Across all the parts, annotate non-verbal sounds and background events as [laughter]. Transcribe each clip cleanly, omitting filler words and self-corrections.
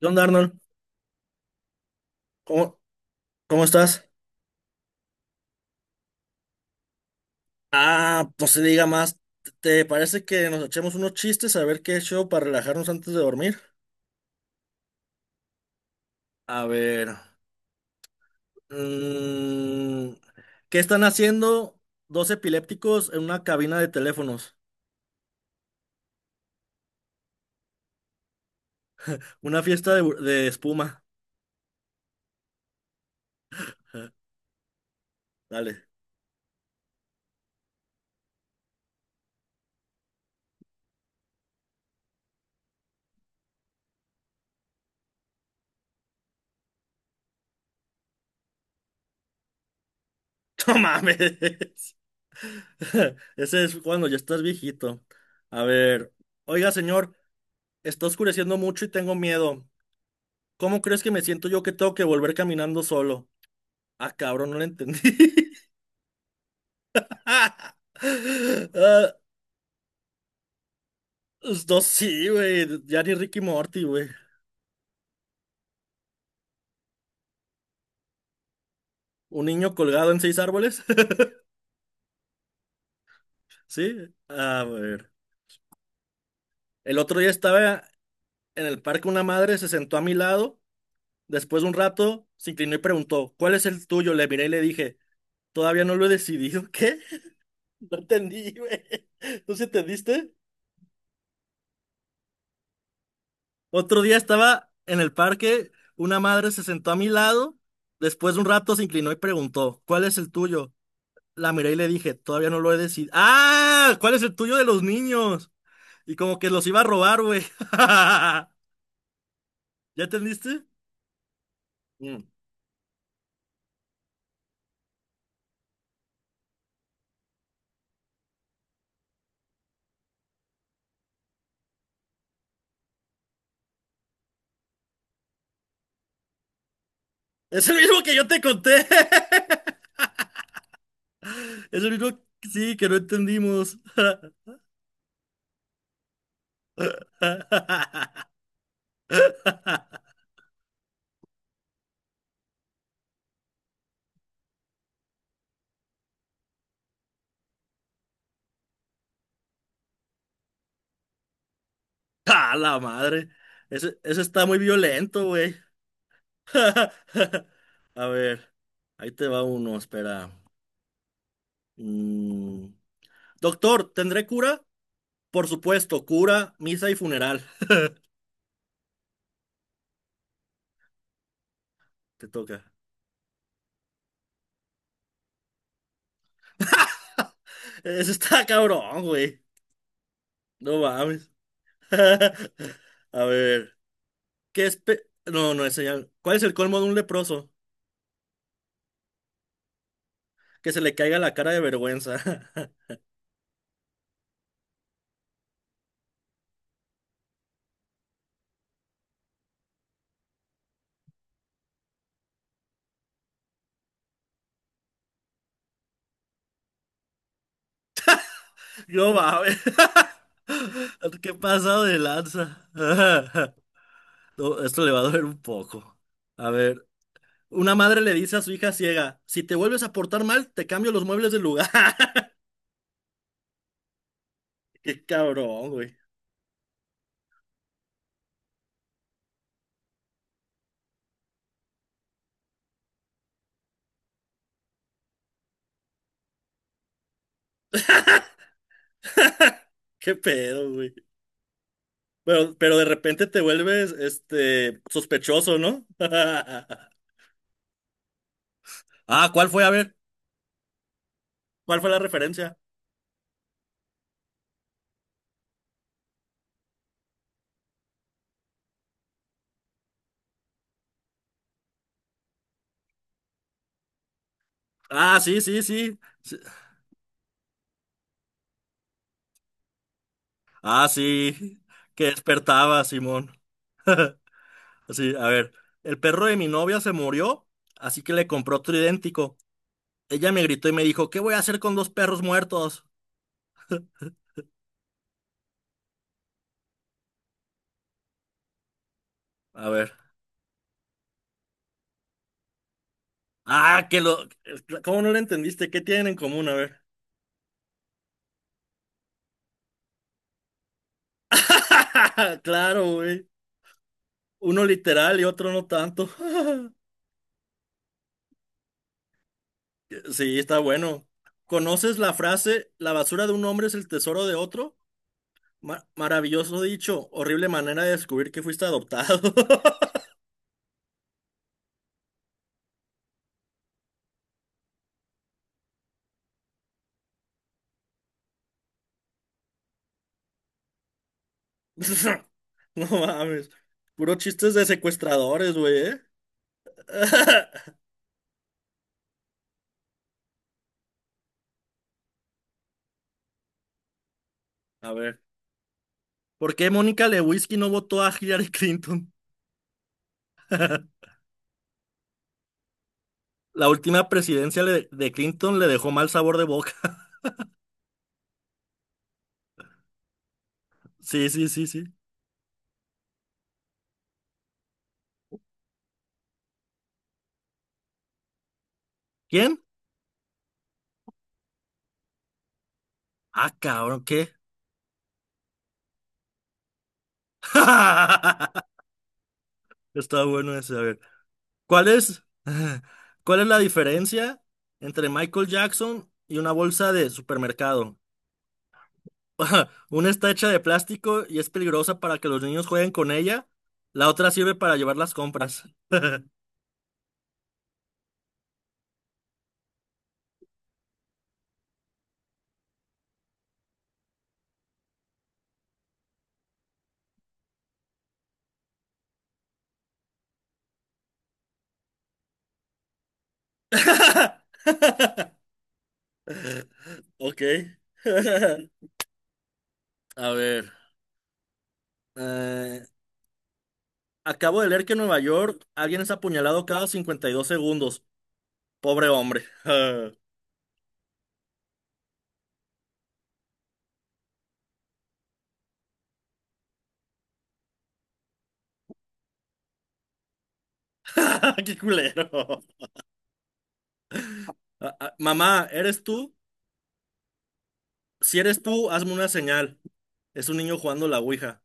¿Qué onda, Arnold? ¿Cómo, cómo estás? Ah, pues se diga más. ¿Te parece que nos echemos unos chistes a ver qué show para relajarnos antes de dormir? A ver. mm, ¿Qué están haciendo dos epilépticos en una cabina de teléfonos? [laughs] Una fiesta de espuma. Dale. [laughs] ¡No mames! [laughs] Ese es cuando ya estás viejito. A ver. Oiga, señor, está oscureciendo mucho y tengo miedo. ¿Cómo crees que me siento yo que tengo que volver caminando solo? Ah, cabrón, no lo entendí. [laughs] Ah, pues no, sí, güey. Ya ni Ricky Morty, güey. Un niño colgado en seis árboles. [laughs] Sí. A ver. El otro día estaba en el parque una madre, se sentó a mi lado. Después de un rato, se inclinó y preguntó, ¿cuál es el tuyo? Le miré y le dije, todavía no lo he decidido. ¿Qué? [laughs] No entendí, güey. ¿Tú sí entendiste? Otro día estaba en el parque, una madre se sentó a mi lado. Después de un rato, se inclinó y preguntó, ¿cuál es el tuyo? La miré y le dije, todavía no lo he decidido. ¡Ah! ¿Cuál es el tuyo de los niños? Y como que los iba a robar, güey. [laughs] ¿Ya entendiste? Mm. Es el mismo que yo te conté. [laughs] Es el mismo, sí, que no entendimos. [laughs] ¡Ah, la madre! Ese está muy violento, güey. [laughs] A ver, ahí te va uno, espera. Mm. Doctor, ¿tendré cura? Por supuesto, cura, misa y funeral. Te toca. [laughs] Eso está cabrón, güey. No mames. [laughs] A ver, ¿qué es pe- No, no, eso ya- ¿Cuál es el colmo de un leproso? Que se le caiga la cara de vergüenza. [laughs] No mames. [laughs] ¿Qué pasado de lanza? [laughs] No, esto le va a doler un poco. A ver, una madre le dice a su hija ciega, si te vuelves a portar mal, te cambio los muebles del lugar. [laughs] Qué cabrón, güey. [laughs] Qué pedo, güey. Pero de repente te vuelves este sospechoso, ¿no? [laughs] Ah, ¿cuál fue? A ver, ¿cuál fue la referencia? Ah, sí, sí, sí. Sí. Ah, sí. Que despertaba, Simón. [laughs] Sí, a ver. El perro de mi novia se murió, así que le compró otro idéntico. Ella me gritó y me dijo, ¿qué voy a hacer con dos perros muertos? A ver. Ah, que lo... ¿Cómo no lo entendiste? ¿Qué tienen en común? A ver. [laughs] Claro, güey. Uno literal y otro no tanto. [laughs] Sí, está bueno. ¿Conoces la frase, la basura de un hombre es el tesoro de otro? Maravilloso dicho, horrible manera de descubrir que fuiste adoptado. [laughs] [laughs] No mames. Puro chistes de secuestradores, güey, ¿eh? [laughs] A ver. ¿Por qué Mónica Lewinsky no votó a Hillary Clinton? La última presidencia le- De Clinton le dejó mal sabor de boca. [laughs] Sí, sí, sí, sí. ¿Quién? Ah, cabrón, ¿qué? [laughs] Está bueno ese, a ver. ¿Cuál es, [laughs] ¿Cuál es la diferencia entre Michael Jackson y una bolsa de supermercado? [laughs] Una está hecha de plástico y es peligrosa para que los niños jueguen con ella. La otra sirve para llevar las compras. [laughs] Ok. [laughs] A ver. eh, Acabo de leer que en Nueva York alguien es apuñalado cada 52 segundos. Pobre hombre. [laughs] Qué culero. Mamá, ¿eres tú? Si eres tú, hazme una señal. Es un niño jugando la ouija.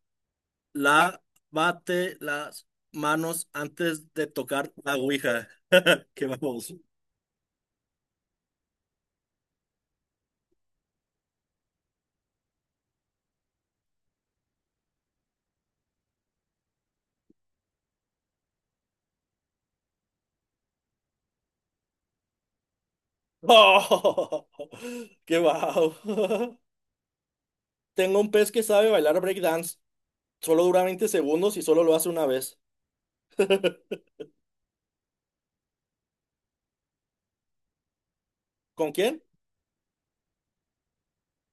Lávate las manos antes de tocar la ouija. [laughs] Qué vamos. ¡Oh! ¡Qué wow! [laughs] Tengo un pez que sabe bailar breakdance. Solo dura 20 segundos y solo lo hace una vez. [laughs] ¿Con quién?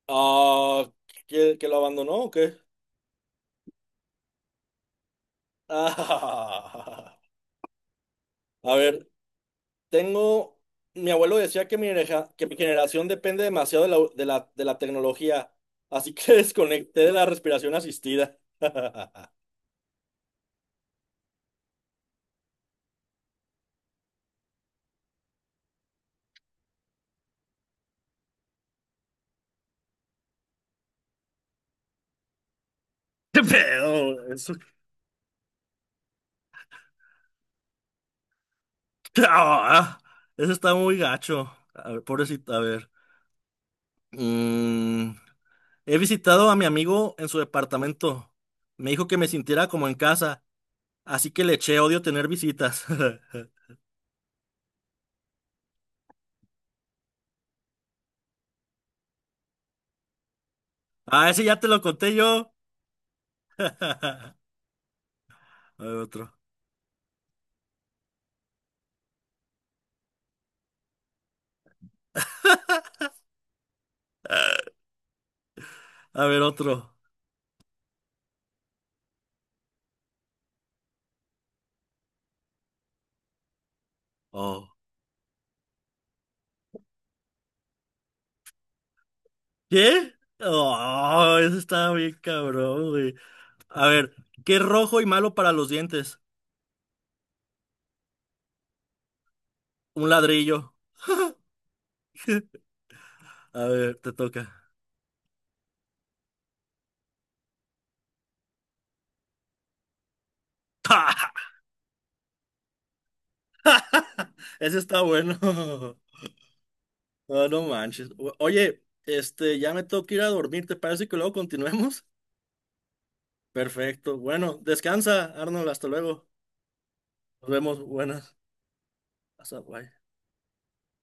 Ah, que lo abandonó o qué? [laughs] Ah, a ver, Tengo, mi abuelo decía que que mi generación depende demasiado de la, de la tecnología, así que [laughs] desconecté de la respiración asistida. [laughs] ¿Qué pedo? Eso, [laughs] ¡Ah! Eso está muy gacho. A ver, pobrecito, a ver. Mm, he visitado a mi amigo en su departamento. Me dijo que me sintiera como en casa, así que le eché odio tener visitas. [laughs] Ah, ese ya te lo conté yo. [laughs] A ver otro. A ver otro. Oh. ¿Qué? Oh, eso está bien cabrón, güey. A ver, ¿qué es rojo y malo para los dientes? Un ladrillo. A ver, te toca. [laughs] Ese está bueno. [laughs] No, no manches. Oye, este, ya me tengo que ir a dormir. ¿Te parece que luego continuemos? [laughs] Perfecto. Bueno, descansa, Arnold. Hasta luego. Nos vemos. Buenas. Hasta bye.